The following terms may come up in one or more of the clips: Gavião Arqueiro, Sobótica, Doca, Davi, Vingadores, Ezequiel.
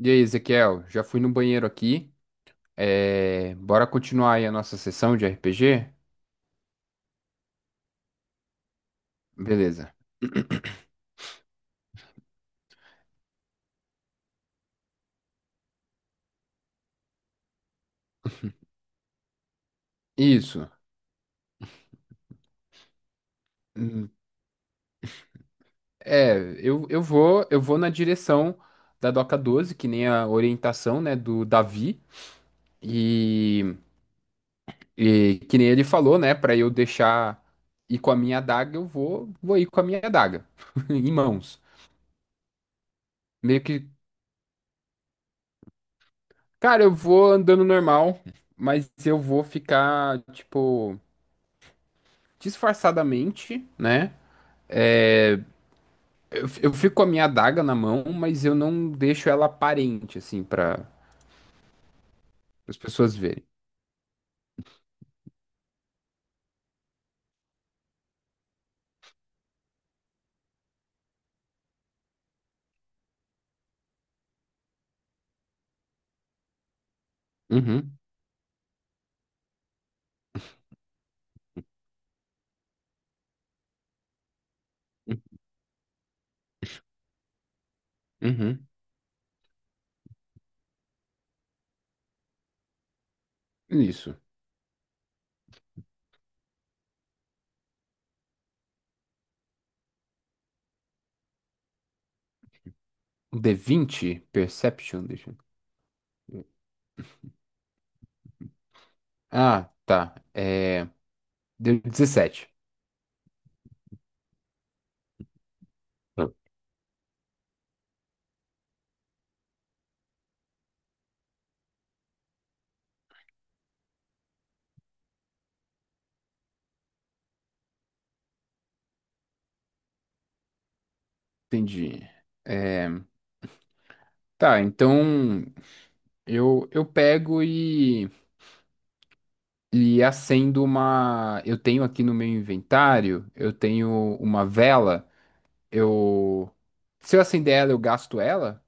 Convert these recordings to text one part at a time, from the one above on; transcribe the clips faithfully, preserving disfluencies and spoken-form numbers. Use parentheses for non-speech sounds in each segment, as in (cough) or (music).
E aí, Ezequiel, já fui no banheiro aqui. É, Bora continuar aí a nossa sessão de R P G? Beleza. Isso. Hum, É, eu, eu vou eu vou na direção da Doca doze, que nem a orientação, né, do Davi. E, e que nem ele falou, né, pra eu deixar ir com a minha adaga, eu vou, vou ir com a minha adaga (laughs) em mãos. Meio que, cara, eu vou andando normal, mas eu vou ficar, tipo, disfarçadamente, né? É, eu, eu fico com a minha adaga na mão, mas eu não deixo ela aparente, assim, para as pessoas verem. Uhum, uhum, isso. Um d vinte Perception, deixa eu... Ah, tá. É, deu dezessete. Tá. Entendi. É, tá, então eu, eu pego e, e acendo uma. Eu tenho aqui no meu inventário, eu tenho uma vela. Eu. Se eu acender ela, eu gasto ela.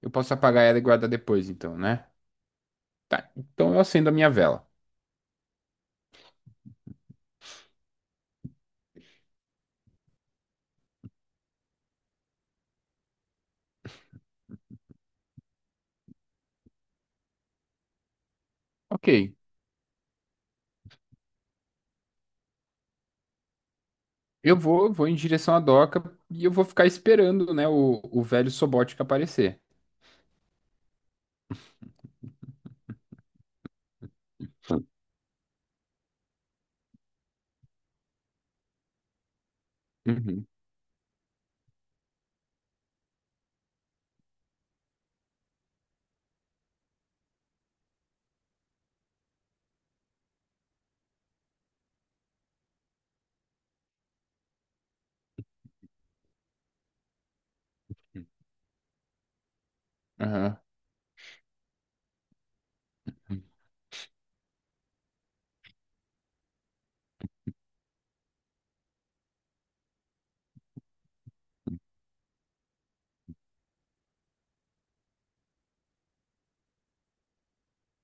Eu posso apagar ela e guardar depois, então, né? Tá. Então eu acendo a minha vela. Ok. Eu vou, vou em direção à doca e eu vou ficar esperando, né, o, o velho Sobótica aparecer. Uhum. Aham.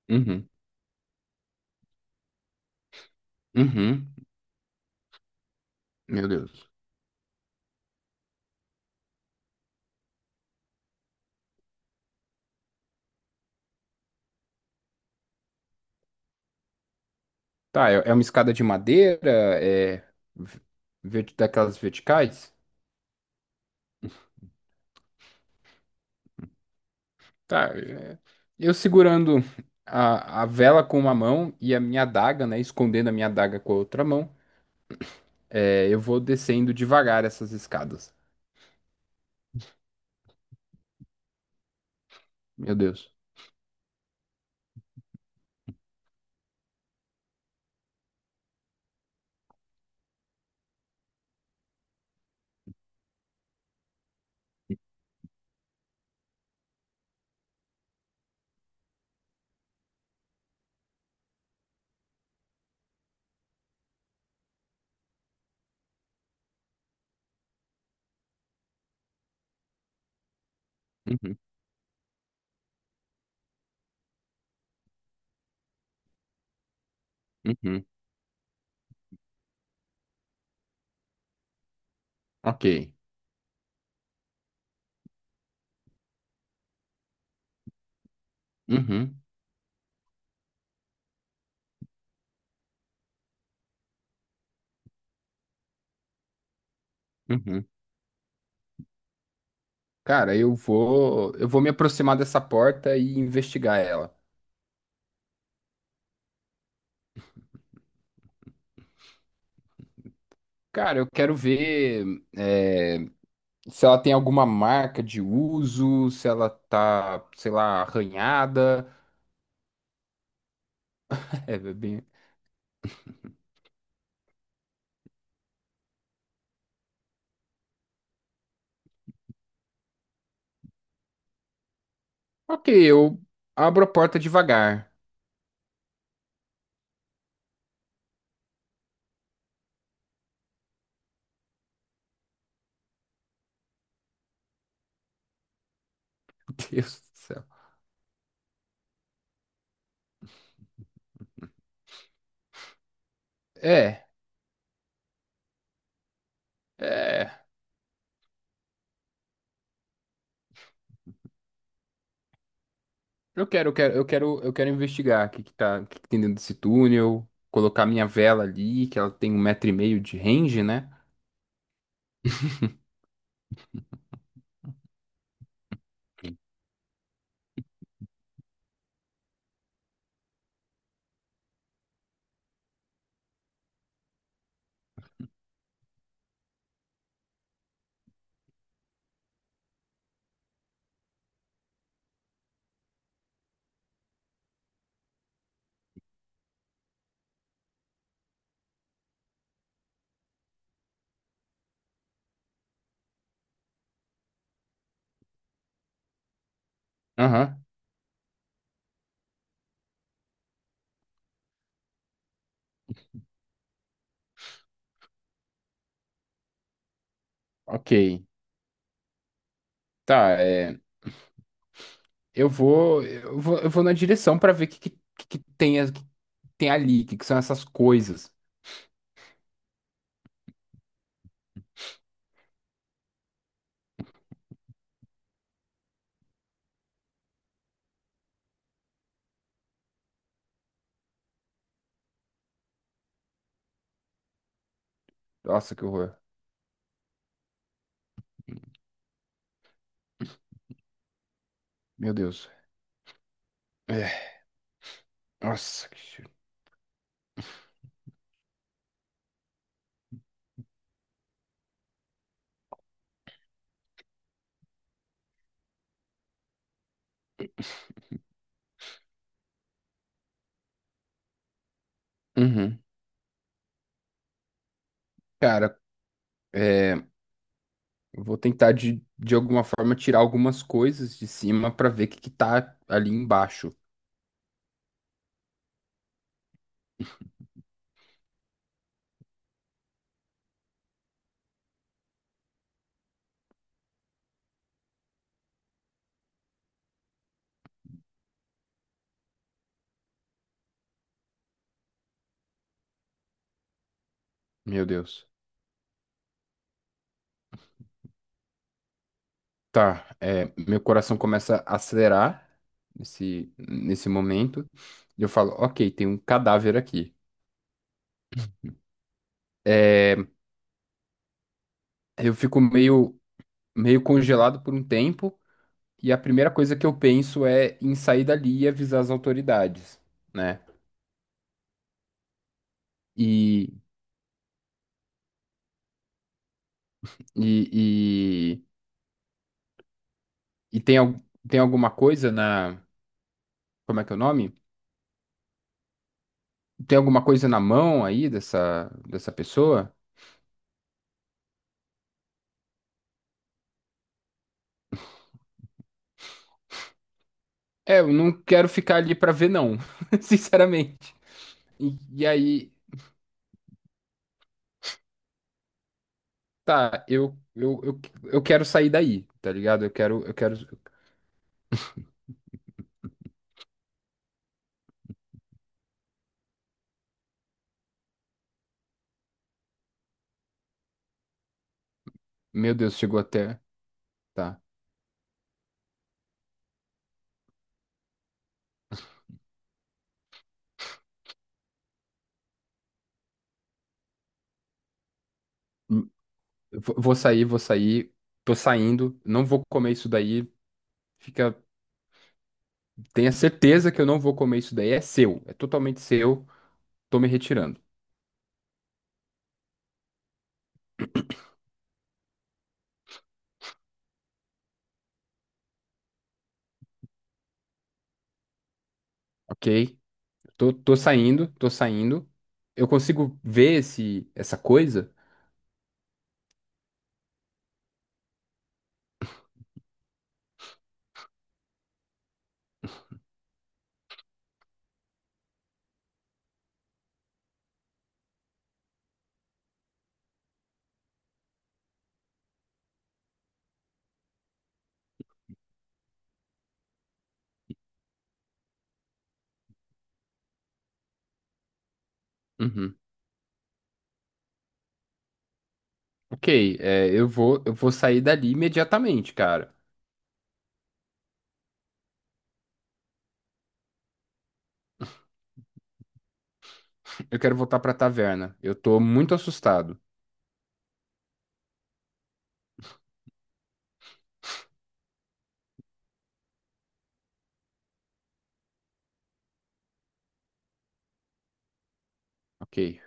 Uhum. Uhum. Meu Deus. Tá, é, é uma escada de madeira, é ve- vert- daquelas verticais? Tá, é, eu segurando a, a vela com uma mão e a minha adaga, né, escondendo a minha adaga com a outra mão. É, eu vou descendo devagar essas escadas. Meu Deus. Uhum, uhum, ok, uhum, uhum. Cara, eu vou, eu vou me aproximar dessa porta e investigar ela. Cara, eu quero ver, é, se ela tem alguma marca de uso, se ela tá, sei lá, arranhada. (laughs) É, bem... Ok, eu abro a porta devagar. (laughs) Meu Deus do céu. É, é. Eu quero, eu quero, eu quero, eu quero investigar o que que tá, o que que tem dentro desse túnel, colocar minha vela ali, que ela tem um metro e meio de range, né? Aham, ok. Tá, é, eu vou, eu vou, eu vou na direção pra ver o que, que, que que tem, a- que tem ali, o que, que são essas coisas. Nossa, que horror. Meu Deus. É, nossa, que cheiro. Uhum. Cara, é, eu vou tentar de, de alguma forma tirar algumas coisas de cima pra ver o que, que tá ali embaixo. Meu Deus. Tá, é, meu coração começa a acelerar nesse, nesse momento. E eu falo, ok, tem um cadáver aqui. É, eu fico meio, meio congelado por um tempo, e a primeira coisa que eu penso é em sair dali e avisar as autoridades, né? E, e, e, e tem, al- tem alguma coisa na. Como é que é o nome? Tem alguma coisa na mão aí dessa, dessa pessoa? É, eu não quero ficar ali pra ver, não, (laughs) sinceramente. E, e aí. Tá, eu, eu, eu, eu quero sair daí, tá ligado? Eu quero, eu quero. Meu Deus, chegou até. Tá. Hum, Vou vou sair, vou sair. Tô saindo. Não vou comer isso daí. Fica. Tenha certeza que eu não vou comer isso daí. É seu. É totalmente seu. Tô me retirando. Ok? Tô, tô saindo, tô saindo. Eu consigo ver esse, essa coisa? Uhum. Ok, é, eu vou, eu vou sair dali imediatamente, cara. Eu quero voltar pra taverna. Eu tô muito assustado. Ok.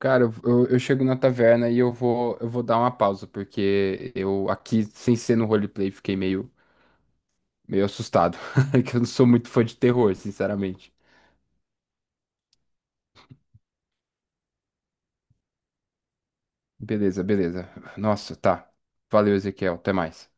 Cara, eu, eu- eu chego na taverna e eu vou, eu vou dar uma pausa, porque eu aqui, sem ser no roleplay, fiquei meio, meio assustado. (laughs) Que eu não sou muito fã de terror, sinceramente. Beleza, beleza. Nossa, tá. Valeu, Ezequiel. Até mais.